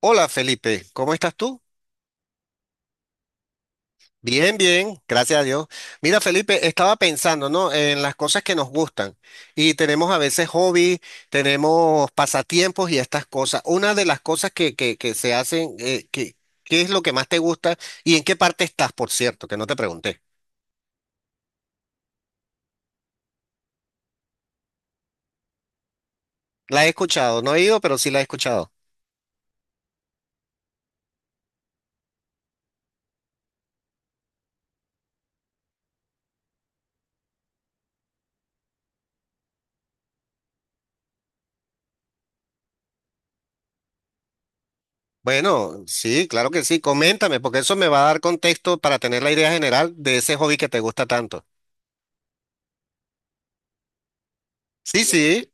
Hola Felipe, ¿cómo estás tú? Bien, bien, gracias a Dios. Mira Felipe, estaba pensando, ¿no? En las cosas que nos gustan y tenemos a veces hobby, tenemos pasatiempos y estas cosas. Una de las cosas que se hacen, ¿qué es lo que más te gusta y en qué parte estás, por cierto, que no te pregunté? La he escuchado, no he ido, pero sí la he escuchado. Bueno, sí, claro que sí, coméntame, porque eso me va a dar contexto para tener la idea general de ese hobby que te gusta tanto. Sí, sí.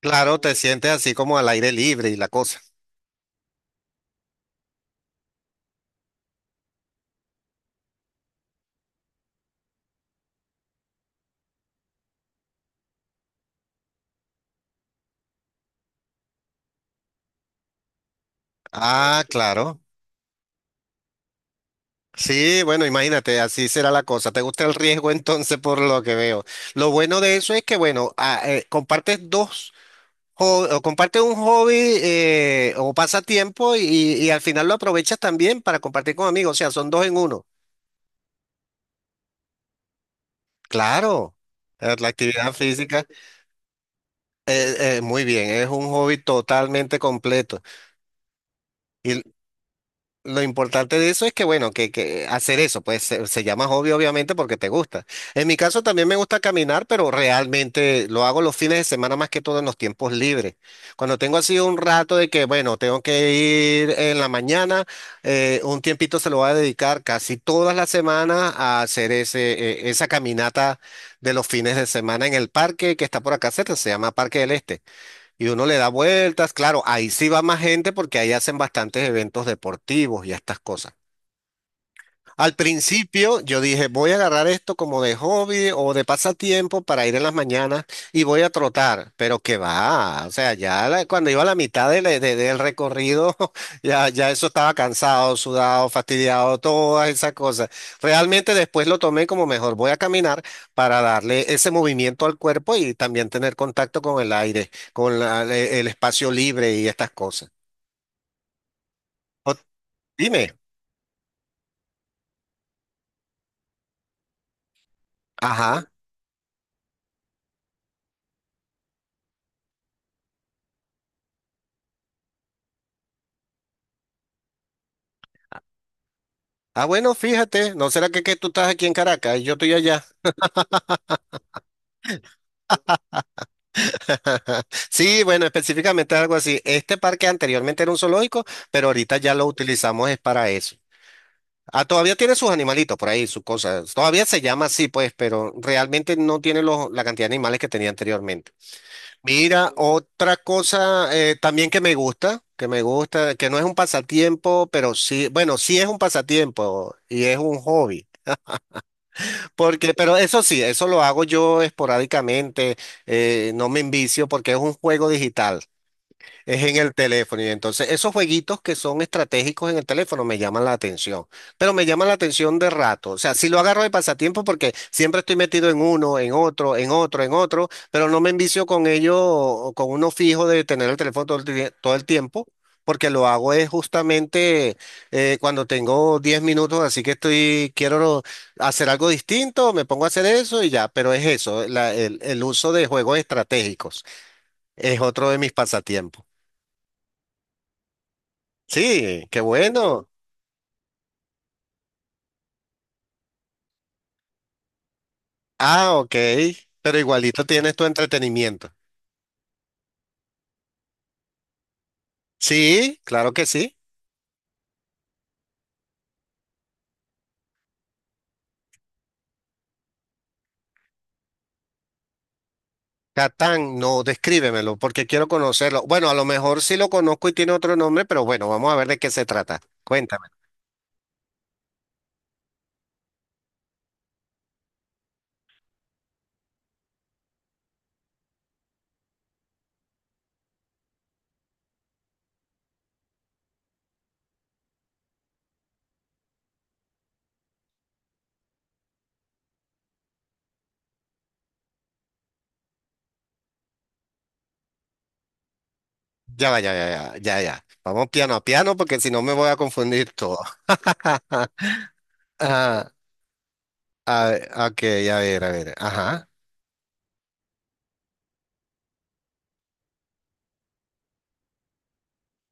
Claro, te sientes así como al aire libre y la cosa. Ah, claro. Sí, bueno, imagínate, así será la cosa. ¿Te gusta el riesgo entonces por lo que veo? Lo bueno de eso es que, bueno, compartes dos, o compartes un hobby o pasatiempo y al final lo aprovechas también para compartir con amigos. O sea, son dos en uno. Claro, la actividad física, muy bien, es un hobby totalmente completo. Y lo importante de eso es que, bueno, que hacer eso, pues se llama hobby obviamente porque te gusta. En mi caso también me gusta caminar, pero realmente lo hago los fines de semana más que todo en los tiempos libres. Cuando tengo así un rato de que, bueno, tengo que ir en la mañana, un tiempito se lo voy a dedicar casi todas las semanas a hacer esa caminata de los fines de semana en el parque que está por acá cerca, se llama Parque del Este. Y uno le da vueltas, claro, ahí sí va más gente porque ahí hacen bastantes eventos deportivos y estas cosas. Al principio yo dije, voy a agarrar esto como de hobby o de pasatiempo para ir en las mañanas y voy a trotar, pero que va, o sea, ya cuando iba a la mitad de del recorrido, ya, ya eso estaba cansado, sudado, fastidiado, todas esas cosas. Realmente después lo tomé como mejor, voy a caminar para darle ese movimiento al cuerpo y también tener contacto con el aire, con el espacio libre y estas cosas. O- dime, ajá. Ah, bueno, fíjate, ¿no será que tú estás aquí en Caracas y yo estoy allá? Sí, bueno, específicamente algo así. Este parque anteriormente era un zoológico, pero ahorita ya lo utilizamos es para eso. Ah, todavía tiene sus animalitos por ahí, sus cosas. Todavía se llama así, pues, pero realmente no tiene la cantidad de animales que tenía anteriormente. Mira, otra cosa también que me gusta, que no es un pasatiempo, pero sí, bueno, sí es un pasatiempo y es un hobby. Porque, pero eso sí, eso lo hago yo esporádicamente, no me envicio porque es un juego digital. Es en el teléfono y entonces esos jueguitos que son estratégicos en el teléfono me llaman la atención, pero me llaman la atención de rato, o sea, si lo agarro de pasatiempo porque siempre estoy metido en uno, en otro, en otro, en otro, pero no me envicio con ello, o con uno fijo de tener el teléfono todo todo el tiempo, porque lo hago es justamente cuando tengo 10 minutos, así que estoy, quiero hacer algo distinto, me pongo a hacer eso y ya, pero es eso, el uso de juegos estratégicos es otro de mis pasatiempos. Sí, qué bueno. Ah, ok. Pero igualito tienes tu entretenimiento. Sí, claro que sí. Catán, no, descríbemelo porque quiero conocerlo. Bueno, a lo mejor sí lo conozco y tiene otro nombre, pero bueno, vamos a ver de qué se trata. Cuéntame. Ya va, ya, ya, ya, ya, ya. Vamos piano a piano porque si no me voy a confundir todo. Ah, ok, a ver, a ver. Ajá.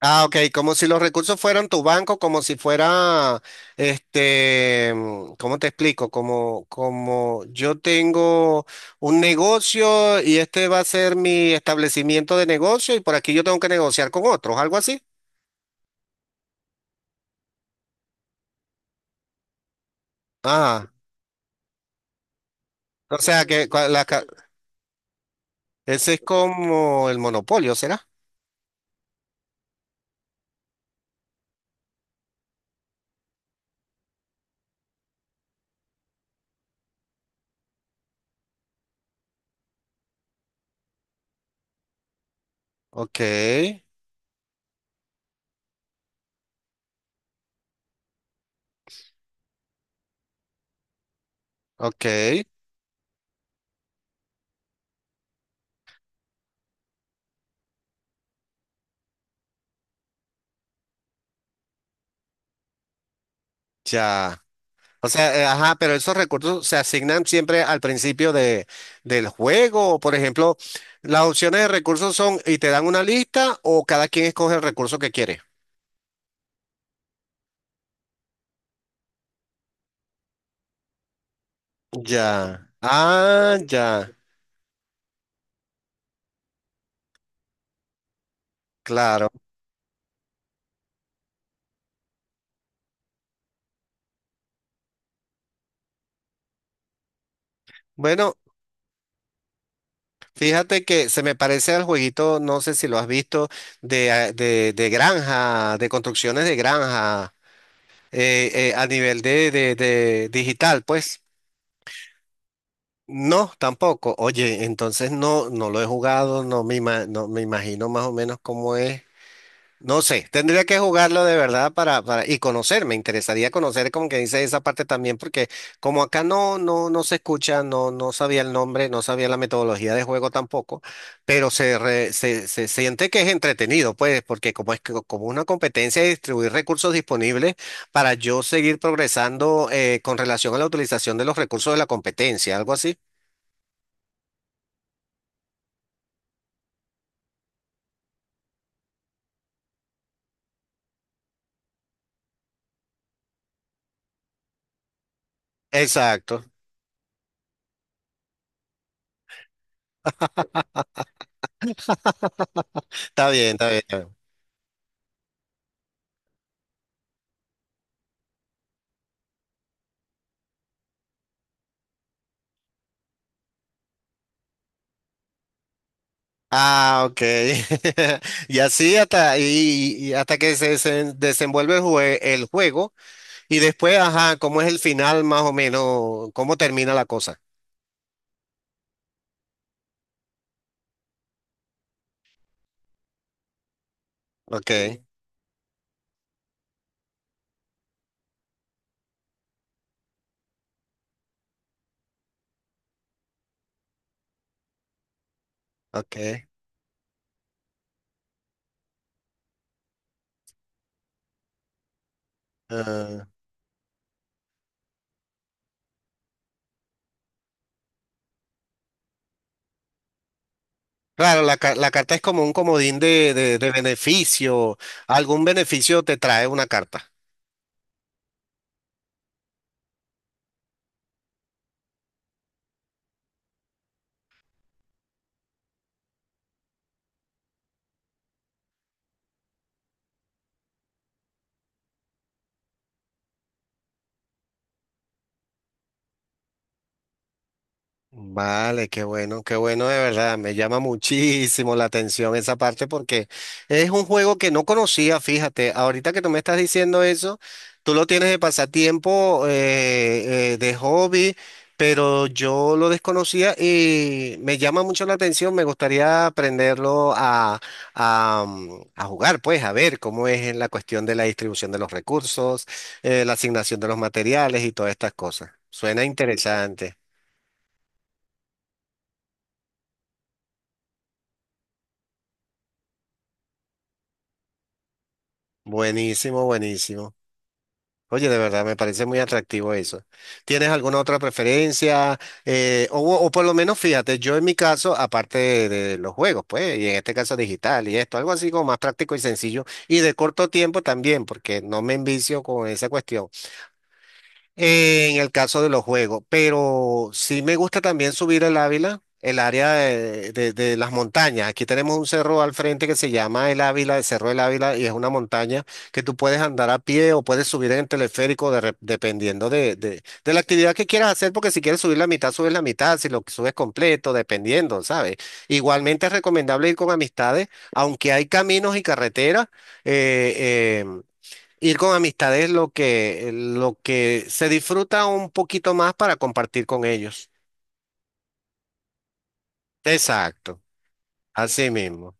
Ah, ok, como si los recursos fueran tu banco, como si fuera, este, ¿cómo te explico? Como, como yo tengo un negocio y este va a ser mi establecimiento de negocio y por aquí yo tengo que negociar con otros, algo así. Ah, o sea que ese es como el monopolio, ¿será? Ok, ok, ya. O sea, ajá, pero esos recursos se asignan siempre al principio de, del juego. Por ejemplo, las opciones de recursos son y te dan una lista o cada quien escoge el recurso que quiere. Ya. Ah, ya. Claro. Bueno, fíjate que se me parece al jueguito, no sé si lo has visto, de granja, de construcciones de granja, a nivel de digital, pues. No, tampoco. Oye, entonces no, no lo he jugado, no me imagino más o menos cómo es. No sé, tendría que jugarlo de verdad y conocer, me interesaría conocer como que dice esa parte también, porque como acá no, no, no se escucha, no, no sabía el nombre, no sabía la metodología de juego tampoco, pero se siente que es entretenido, pues, porque como una competencia de distribuir recursos disponibles para yo seguir progresando con relación a la utilización de los recursos de la competencia, algo así. Exacto. Está bien, está bien, está bien. Ah, ok. Y así hasta, y hasta que desenvuelve el juego y después, ajá, ¿cómo es el final más o menos? ¿Cómo termina la cosa? Ok, ok, ah. Claro, la carta es como un comodín de, de beneficio. Algún beneficio te trae una carta. Vale, qué bueno de verdad. Me llama muchísimo la atención esa parte porque es un juego que no conocía, fíjate. Ahorita que tú me estás diciendo eso, tú lo tienes de pasatiempo, de hobby, pero yo lo desconocía y me llama mucho la atención. Me gustaría aprenderlo a jugar, pues, a ver cómo es en la cuestión de la distribución de los recursos, la asignación de los materiales y todas estas cosas. Suena interesante. Buenísimo, buenísimo. Oye, de verdad, me parece muy atractivo eso. ¿Tienes alguna otra preferencia? O por lo menos, fíjate, yo en mi caso, aparte de los juegos, pues, y en este caso digital y esto, algo así como más práctico y sencillo y de corto tiempo también, porque no me envicio con esa cuestión en el caso de los juegos, pero sí me gusta también subir el Ávila, el área de, de las montañas. Aquí tenemos un cerro al frente que se llama el Ávila, el Cerro del Ávila, y es una montaña que tú puedes andar a pie o puedes subir en teleférico dependiendo de, de la actividad que quieras hacer, porque si quieres subir la mitad, subes la mitad, si lo subes completo, dependiendo, ¿sabes? Igualmente es recomendable ir con amistades, aunque hay caminos y carreteras. eh, eh, Ir con amistades es lo que se disfruta un poquito más para compartir con ellos. Exacto, así mismo.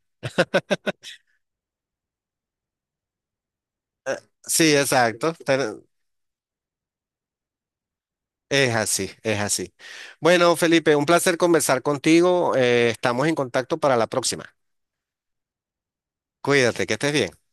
Sí, exacto. Es así, es así. Bueno, Felipe, un placer conversar contigo. Estamos en contacto para la próxima. Cuídate, que estés bien.